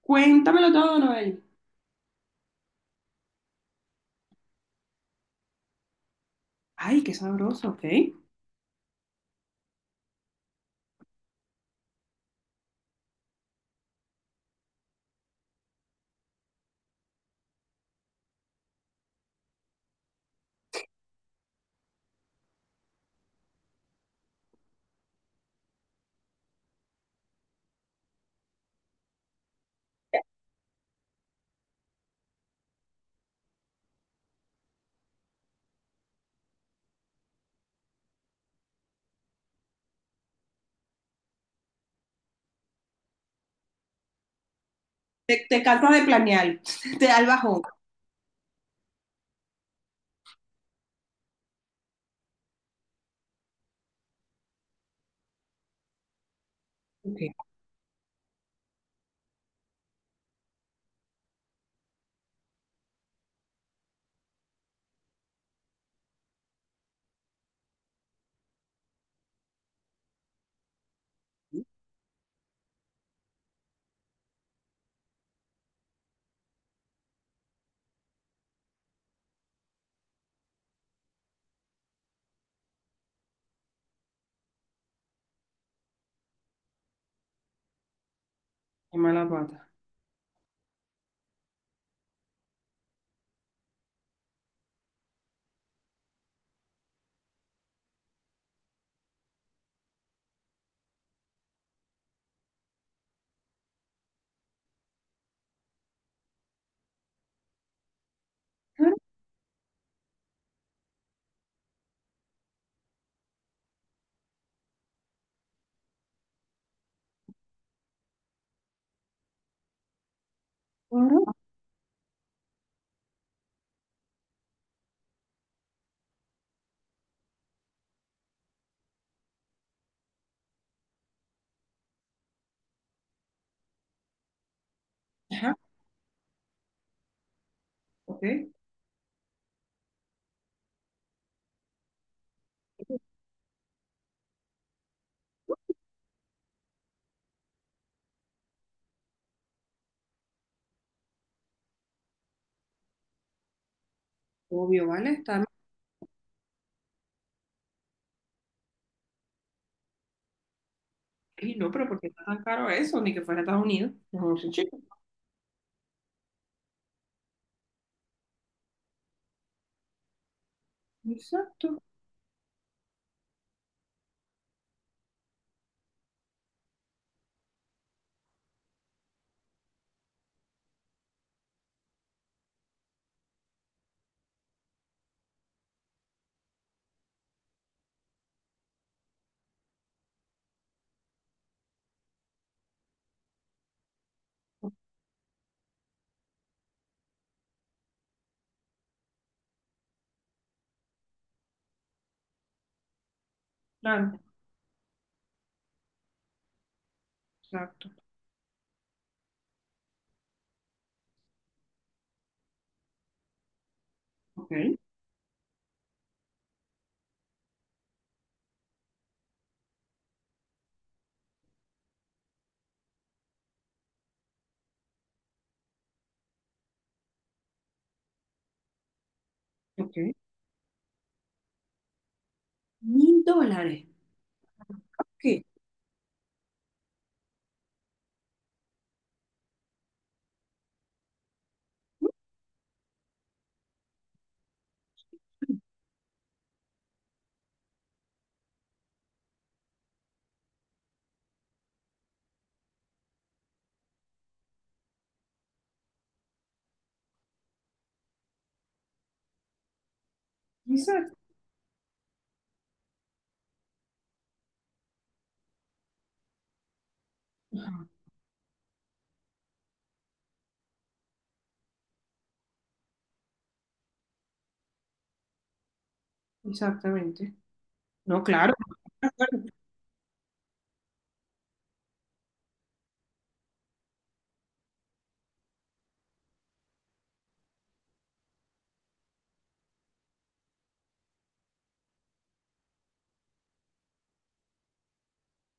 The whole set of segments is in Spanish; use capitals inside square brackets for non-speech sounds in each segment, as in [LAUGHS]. Cuéntamelo todo, Noel. Ay, qué sabroso, ok. Te cansas de planear, [LAUGHS] te da el bajón. Ok, qué mala pata. Ajá, ok, obvio, ¿vale? Está... Y no, pero ¿por qué está tan caro eso? Ni que fuera a Estados Unidos. Mejor sin chico. Exacto, claro, exacto. Ok, ok. Mil dólares. ¿Qué? Exacto. Ajá, exactamente. No, claro.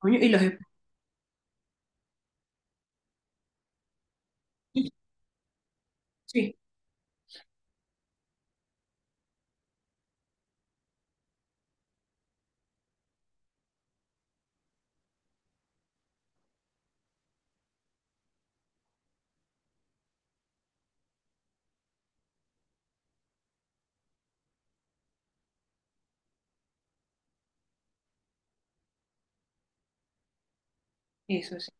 Coño, y los... Sí, eso sí.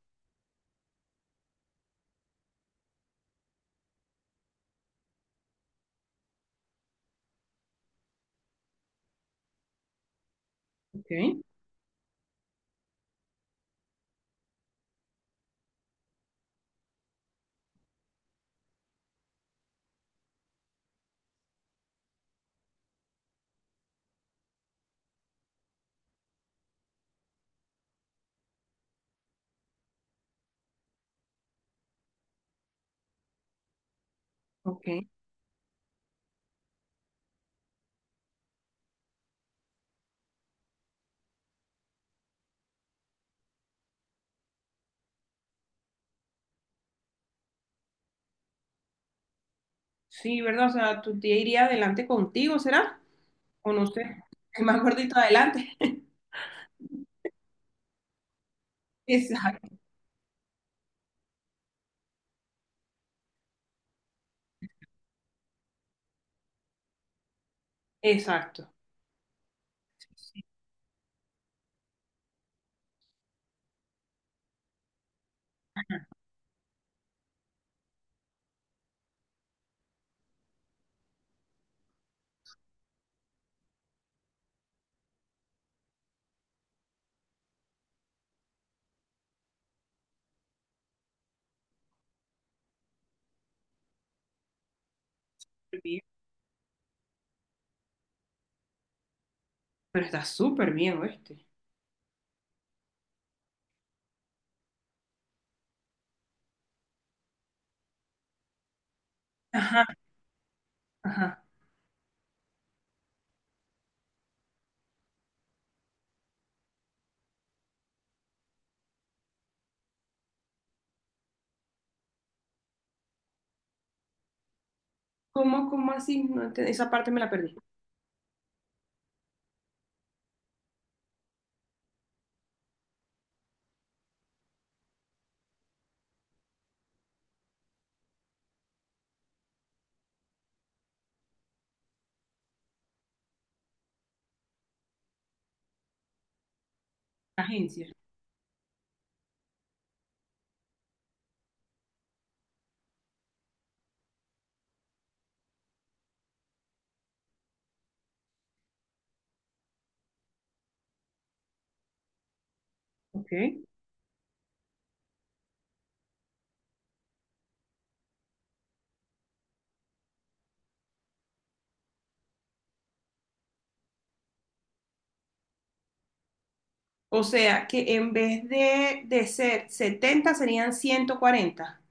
Ok, ok. Sí, ¿verdad? O sea, tu tía iría adelante contigo, ¿será? O no sé, [LAUGHS] el más gordito adelante. [LAUGHS] Exacto. Exacto. Sí, sí, súper bien. Pero está súper bien, ¿oíste? Ajá, ajá. ¿Cómo, cómo así? No ente- Esa parte me la perdí. Agencia. Ok. O sea, que en vez de, ser 70 serían 140.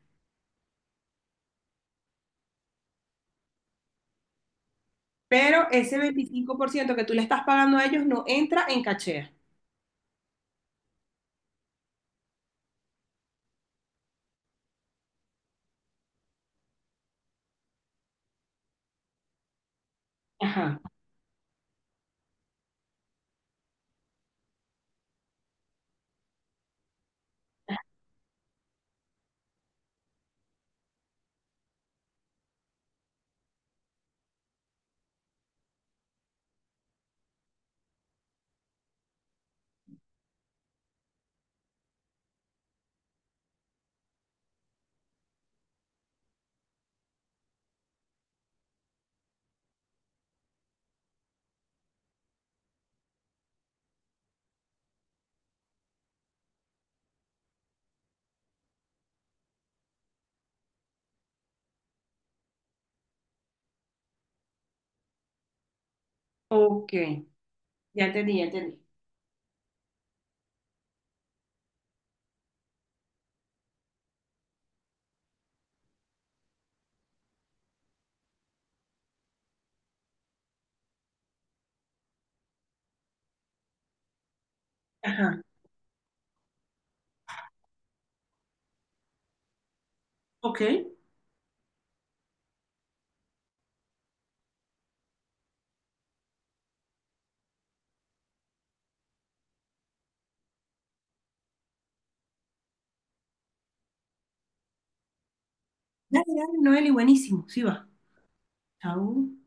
Pero ese 25% que tú le estás pagando a ellos no entra en cachea. Ajá. Ok, ya entendí, ya entendí. Ajá. Ok. Dale, dale, Noeli, buenísimo. Sí va. Chau.